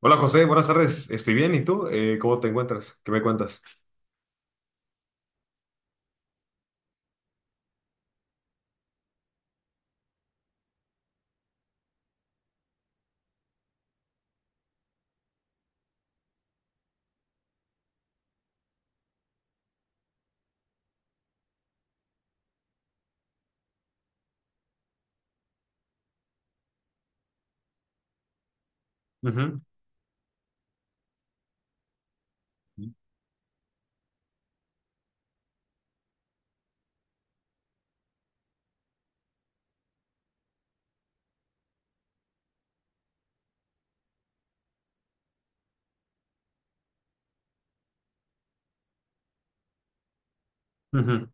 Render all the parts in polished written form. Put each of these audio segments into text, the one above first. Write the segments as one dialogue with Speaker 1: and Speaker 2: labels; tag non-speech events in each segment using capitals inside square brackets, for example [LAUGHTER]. Speaker 1: Hola José, buenas tardes. Estoy bien, ¿y tú? ¿Cómo te encuentras? ¿Qué me cuentas? Ujú, ujú,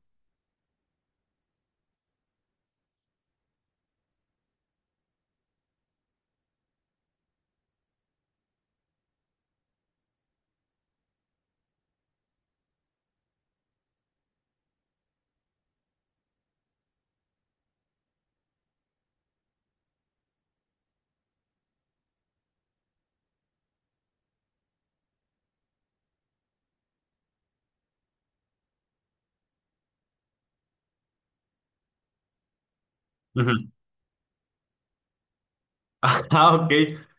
Speaker 1: ujú. [LAUGHS] Ah, ok.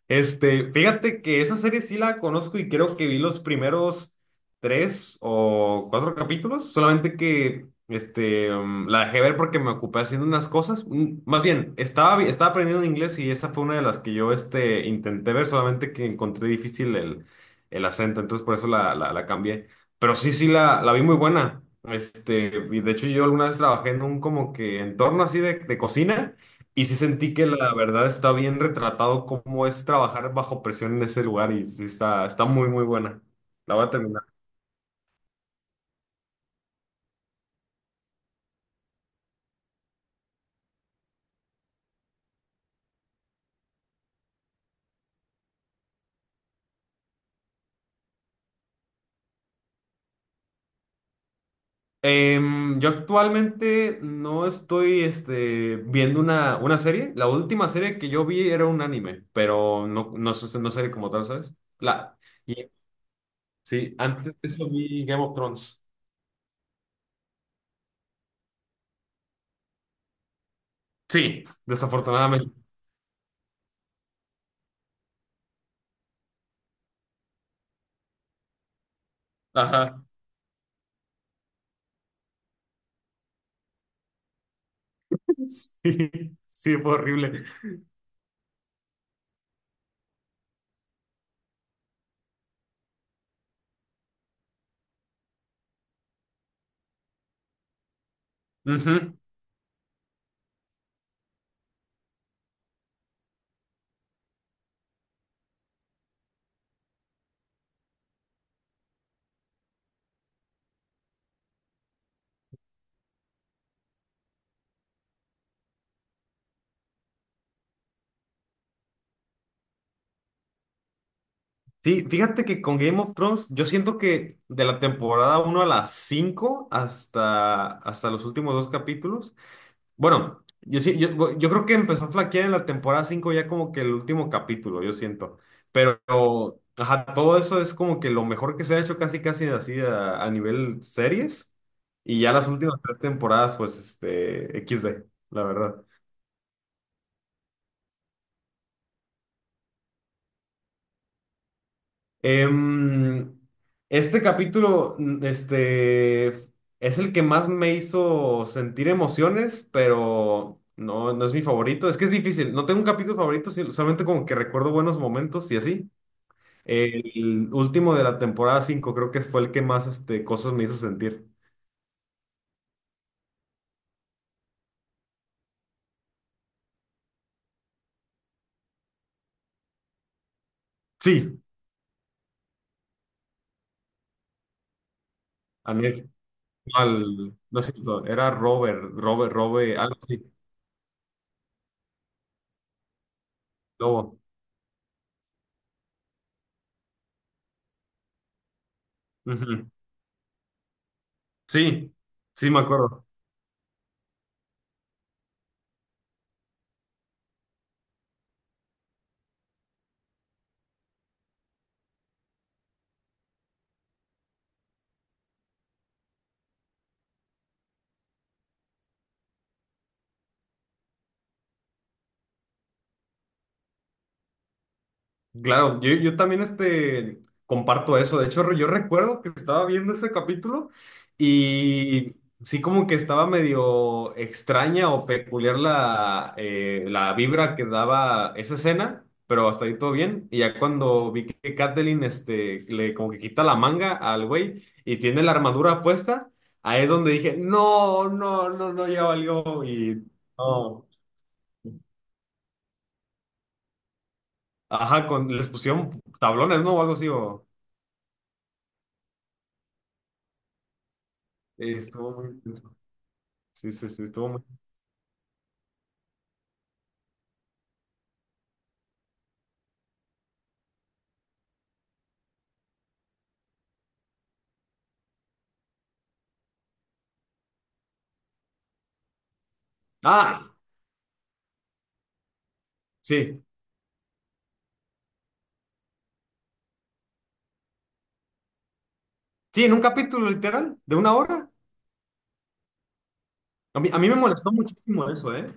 Speaker 1: Este, fíjate que esa serie sí la conozco y creo que vi los primeros tres o cuatro capítulos, solamente que este, la dejé ver porque me ocupé haciendo unas cosas. Más bien, estaba aprendiendo inglés y esa fue una de las que yo este, intenté ver, solamente que encontré difícil el acento, entonces por eso la cambié. Pero sí, sí, la vi muy buena. Este, y de hecho yo alguna vez trabajé en un como que entorno así de cocina. Y sí sentí que la verdad está bien retratado cómo es trabajar bajo presión en ese lugar y sí está muy, muy buena. La voy a terminar. Yo actualmente no estoy este, viendo una serie. La última serie que yo vi era un anime, pero no, no, no serie como tal, ¿sabes? La, y- sí, antes de eso vi Game of Thrones. Sí, desafortunadamente. Ajá. [LAUGHS] Sí, sí, fue horrible. Ujú. Sí, fíjate que con Game of Thrones, yo siento que de la temporada uno a las 5 hasta los últimos dos capítulos, bueno, yo creo que empezó a flaquear en la temporada 5 ya como que el último capítulo, yo siento. Pero, ajá, todo eso es como que lo mejor que se ha hecho casi casi así a nivel series. Y ya las últimas tres temporadas, pues, este, equis de la verdad. Em, este capítulo, este, es el que más me hizo sentir emociones, pero no, no es mi favorito. Es que es difícil. No tengo un capítulo favorito, solamente como que recuerdo buenos momentos y así. El último de la temporada 5, creo que fue el que más este, cosas me hizo sentir. Sí, a mí, no, al, no es cierto, era Robert, Robert, Robert, algo así, Lobo. Ujú. Sí, sí me acuerdo. Claro, yo también este, comparto eso. De hecho, yo recuerdo que estaba viendo ese capítulo y sí como que estaba medio extraña o peculiar la vibra que daba esa escena, pero hasta ahí todo bien. Y ya cuando vi que Kathleen este, le como que quita la manga al güey y tiene la armadura puesta, ahí es donde dije, no, no, no, no, ya valió. Y no, ajá, con, les pusieron tablones, ¿no? O algo así. O estuvo muy intenso. Sí, sí, sí, estuvo muy. Ah, sí. Sí, en un capítulo literal de una hora. A mí me molestó muchísimo eso, ¿eh?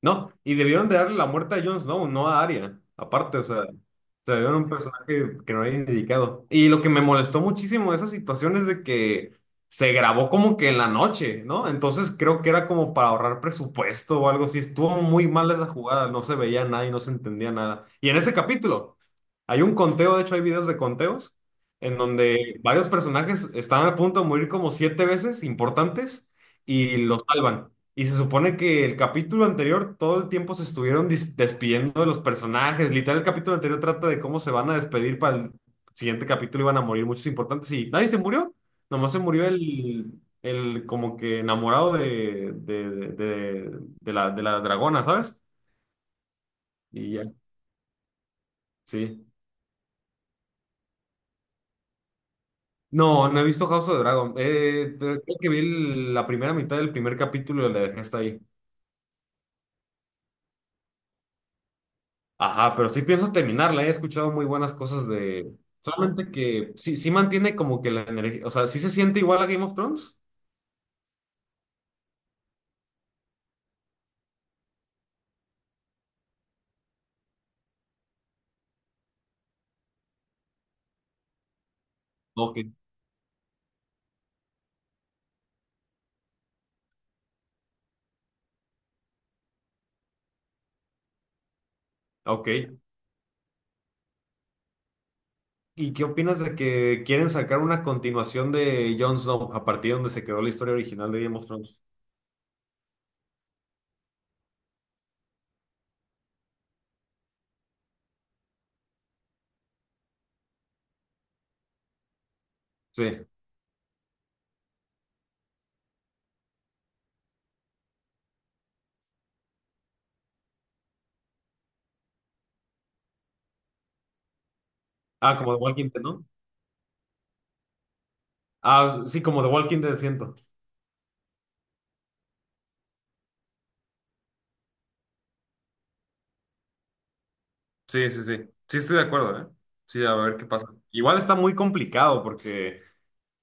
Speaker 1: No, y debieron de darle la muerte a Jon Snow, no a Arya. Aparte, o sea, se dieron un personaje que no había dedicado. Y lo que me molestó muchísimo de esa situación es de que se grabó como que en la noche, ¿no? Entonces creo que era como para ahorrar presupuesto o algo así. Estuvo muy mal esa jugada, no se veía nada y no se entendía nada. Y en ese capítulo hay un conteo, de hecho hay videos de conteos, en donde varios personajes estaban a punto de morir como siete veces importantes y los salvan. Y se supone que el capítulo anterior todo el tiempo se estuvieron despidiendo de los personajes. Literal, el capítulo anterior trata de cómo se van a despedir para el siguiente capítulo. Iban a morir muchos importantes. Y nadie se murió. Nomás se murió el como que enamorado de la dragona, ¿sabes? Y ya, sí. No, no he visto House of the Dragon. Creo que vi la primera mitad del primer capítulo y la dejé hasta ahí. Ajá, pero sí pienso terminarla, he escuchado muy buenas cosas de. Solamente que sí, sí mantiene como que la energía, o sea, ¿sí se siente igual a Game of Thrones? Ok. Ok. ¿Y qué opinas de que quieren sacar una continuación de Jon Snow a partir de donde se quedó la historia original de Game of Thrones? Sí. Ah, como The Walking Dead, ¿no? Ah, sí, como The Walking Dead siento. Sí, sí, sí. Sí estoy de acuerdo, ¿eh? Sí, a ver qué pasa. Igual está muy complicado porque.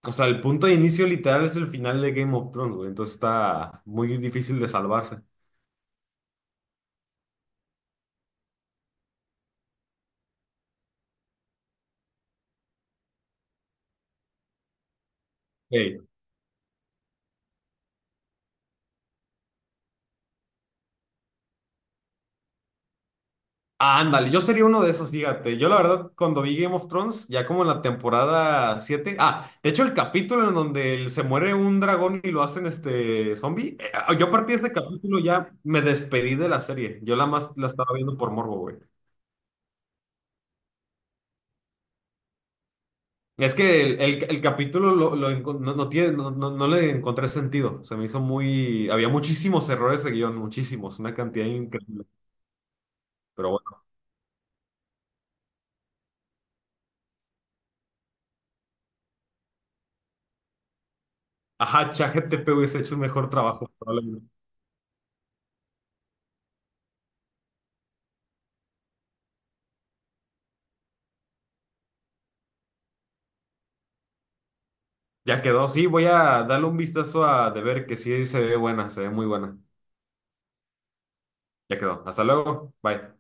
Speaker 1: O sea, el punto de inicio literal es el final de Game of Thrones, güey. Entonces está muy difícil de salvarse. Ey. Ah, ándale, yo sería uno de esos, fíjate. Yo la verdad, cuando vi Game of Thrones, ya como en la temporada 7, ah, de hecho el capítulo en donde se muere un dragón y lo hacen este zombie, ah, yo a partir de ese capítulo ya me despedí de la serie. Yo la más la estaba viendo por morbo, güey. Es que el capítulo no, no tiene, no, no le encontré sentido. Se me hizo muy. Había muchísimos errores de guión, muchísimos, una cantidad increíble. Pero bueno, ajá, ChatGPT hubiese hecho un mejor trabajo, probablemente. Ya quedó. Sí, voy a darle un vistazo a de ver que sí se ve buena, se ve muy buena. Ya quedó. Hasta luego. Bye.